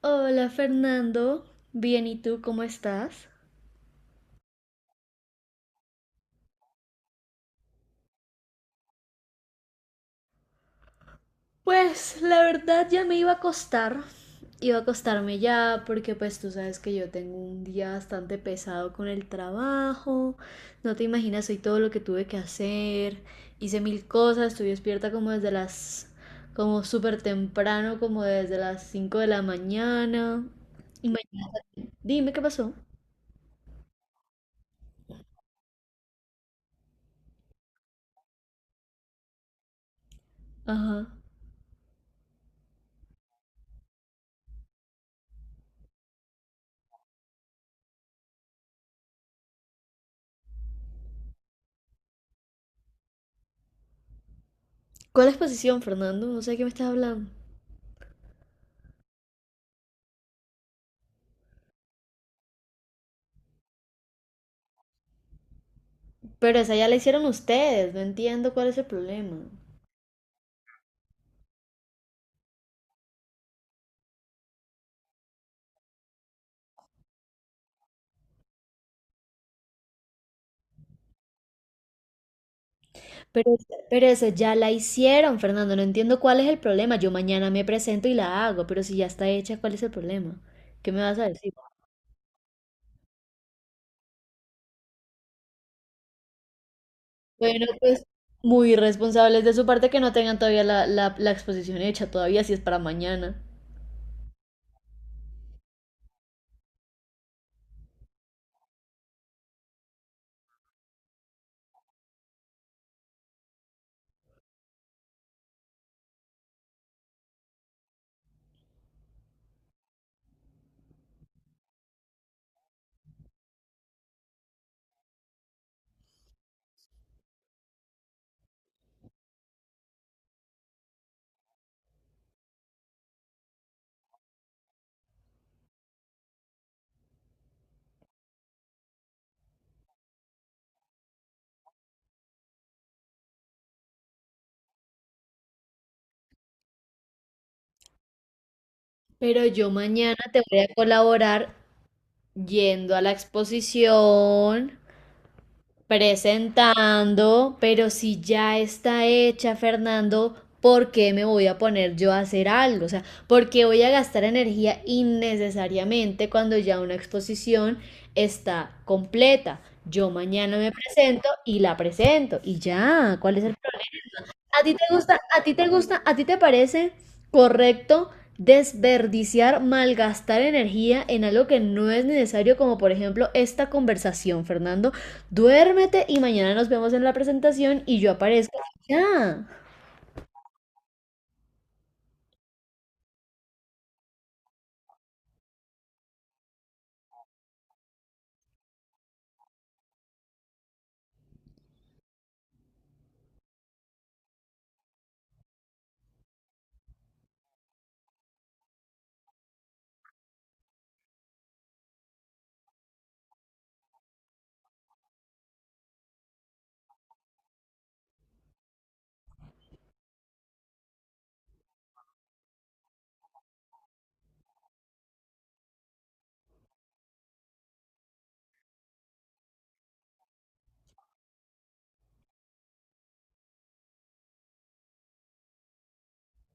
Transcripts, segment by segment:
Hola Fernando, bien, ¿y tú cómo estás? Pues la verdad ya me iba a acostar, iba a acostarme ya porque pues tú sabes que yo tengo un día bastante pesado con el trabajo, no te imaginas hoy todo lo que tuve que hacer, hice mil cosas, estuve despierta como súper temprano, como desde las 5 de la mañana. Imagínate, dime qué pasó. Ajá. ¿Cuál exposición, Fernando? No sé de qué me estás hablando. Pero esa ya la hicieron ustedes, no entiendo cuál es el problema. Pero, pero eso ya la hicieron, Fernando. No entiendo cuál es el problema. Yo mañana me presento y la hago, pero si ya está hecha, ¿cuál es el problema? ¿Qué me vas a decir? Bueno, pues muy irresponsables de su parte que no tengan todavía la exposición hecha, todavía si es para mañana. Pero yo mañana te voy a colaborar yendo a la exposición. Presentando, pero si ya está hecha, Fernando, ¿por qué me voy a poner yo a hacer algo? O sea, ¿por qué voy a gastar energía innecesariamente cuando ya una exposición está completa? Yo mañana me presento y la presento y ya, ¿cuál es el? ¿A ti te gusta, a ti te gusta, a ti te parece correcto desperdiciar, malgastar energía en algo que no es necesario, como por ejemplo esta conversación, Fernando? Duérmete y mañana nos vemos en la presentación y yo aparezco. Ya.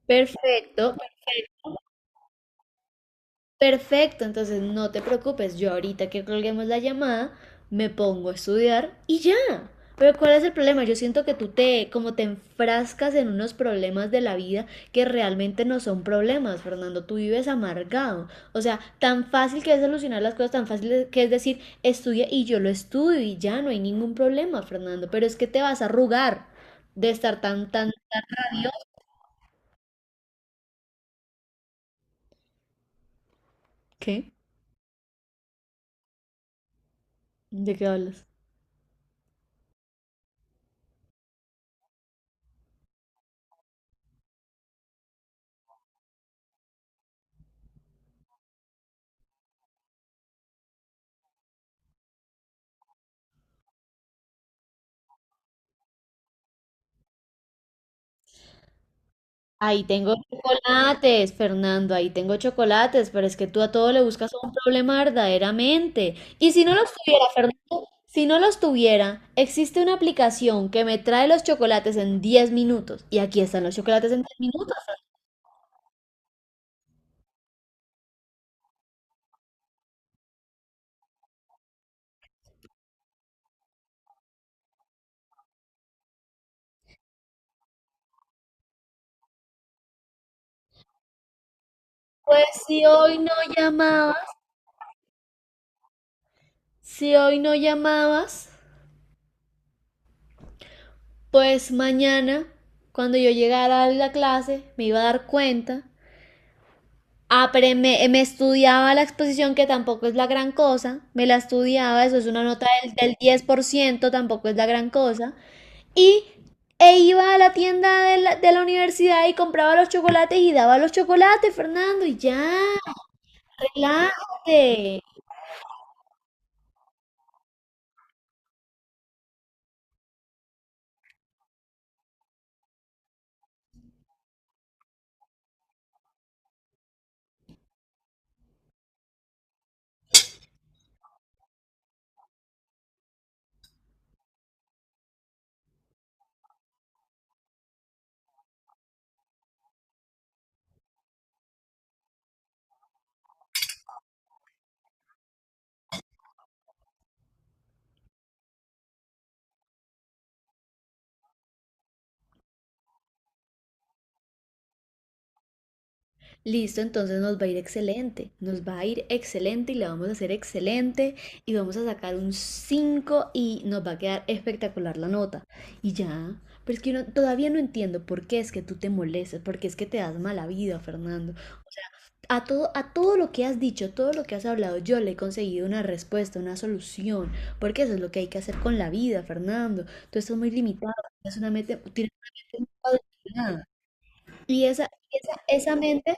Perfecto, perfecto. Perfecto, entonces no te preocupes, yo ahorita que colguemos la llamada me pongo a estudiar y ya. Pero ¿cuál es el problema? Yo siento que tú te como te enfrascas en unos problemas de la vida que realmente no son problemas, Fernando, tú vives amargado. O sea, tan fácil que es solucionar las cosas, tan fácil que es decir, estudia y yo lo estudio y ya no hay ningún problema, Fernando, pero es que te vas a arrugar de estar tan tan. ¿Qué? ¿De qué hablas? Ahí tengo chocolates, Fernando, ahí tengo chocolates, pero es que tú a todo le buscas un problema verdaderamente. Y si no los tuviera, Fernando, si no los tuviera, existe una aplicación que me trae los chocolates en 10 minutos. Y aquí están los chocolates en diez minutos. Pues si hoy no llamabas, si hoy no llamabas, pues mañana, cuando yo llegara a la clase, me iba a dar cuenta. Ah, pero me estudiaba la exposición, que tampoco es la gran cosa. Me la estudiaba, eso es una nota del 10%, tampoco es la gran cosa. Y e iba a la tienda de la universidad y compraba los chocolates y daba los chocolates, Fernando, y ya, relájate. Listo, entonces nos va a ir excelente, nos va a ir excelente y la vamos a hacer excelente y vamos a sacar un 5 y nos va a quedar espectacular la nota. Y ya, pero es que yo no, todavía no entiendo por qué es que tú te molestas, por qué es que te das mala vida, Fernando. O sea, a todo lo que has dicho, todo lo que has hablado, yo le he conseguido una respuesta, una solución, porque eso es lo que hay que hacer con la vida, Fernando. Tú estás muy limitado, tienes una mente muy cuadriculada. Y esa mente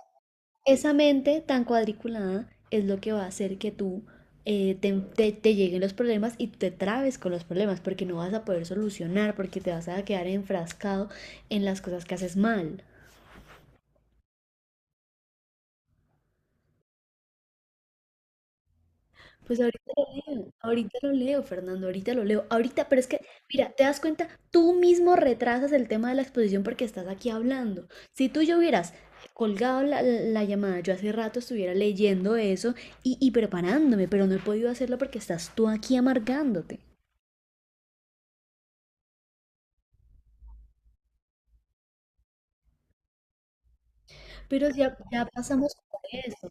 esa mente tan cuadriculada es lo que va a hacer que tú te lleguen los problemas y te trabes con los problemas porque no vas a poder solucionar, porque te vas a quedar enfrascado en las cosas que haces mal. Pues ahorita lo leo, Fernando, ahorita lo leo, ahorita, pero es que, mira, te das cuenta, tú mismo retrasas el tema de la exposición porque estás aquí hablando. Si tú yo hubieras colgado la llamada, yo hace rato estuviera leyendo eso y preparándome, pero no he podido hacerlo porque estás tú aquí amargándote. Pero ya pasamos por eso.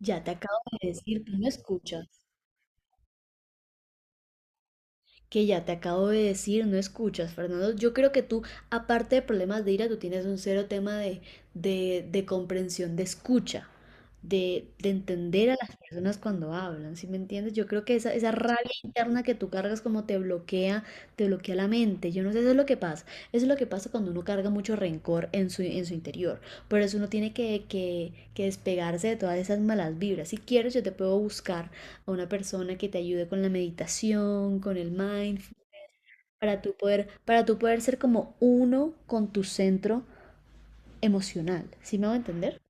Ya te acabo de decir que no escuchas. Que ya te acabo de decir, no escuchas, Fernando. Yo creo que tú, aparte de problemas de ira, tú tienes un cero tema de comprensión, de escucha, de entender a las personas cuando hablan, ¿sí me entiendes? Yo creo que esa rabia interna que tú cargas como te bloquea la mente. Yo no sé, eso es lo que pasa. Eso es lo que pasa cuando uno carga mucho rencor en su interior. Por eso uno tiene que despegarse de todas esas malas vibras. Si quieres, yo te puedo buscar a una persona que te ayude con la meditación, con el mindfulness, para tú poder ser como uno con tu centro emocional. ¿Sí me va a entender?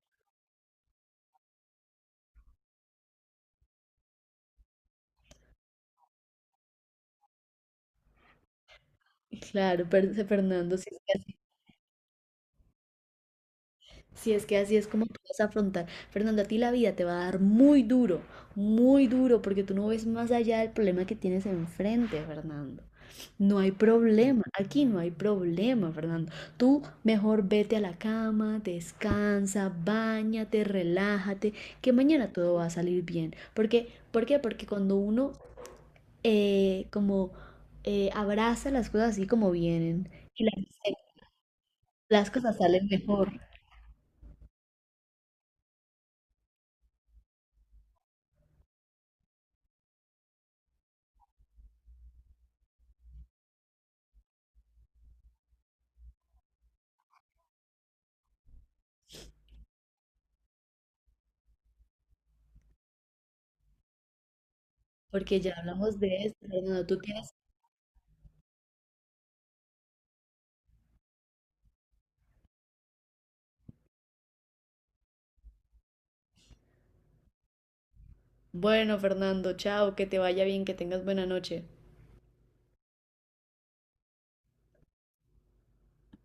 Claro, per- Fernando, sí, sí. Si es que así es como tú vas a afrontar. Fernando, a ti la vida te va a dar muy duro, porque tú no ves más allá del problema que tienes enfrente, Fernando. No hay problema, aquí no hay problema, Fernando. Tú mejor vete a la cama, descansa, bañate, relájate, que mañana todo va a salir bien. Porque, ¿por qué? Porque cuando uno como abraza las cosas así como vienen y las, las cosas salen mejor. Porque ya hablamos de esto, Fernando. Tú tienes... Bueno, Fernando, chao, que te vaya bien, que tengas buena noche.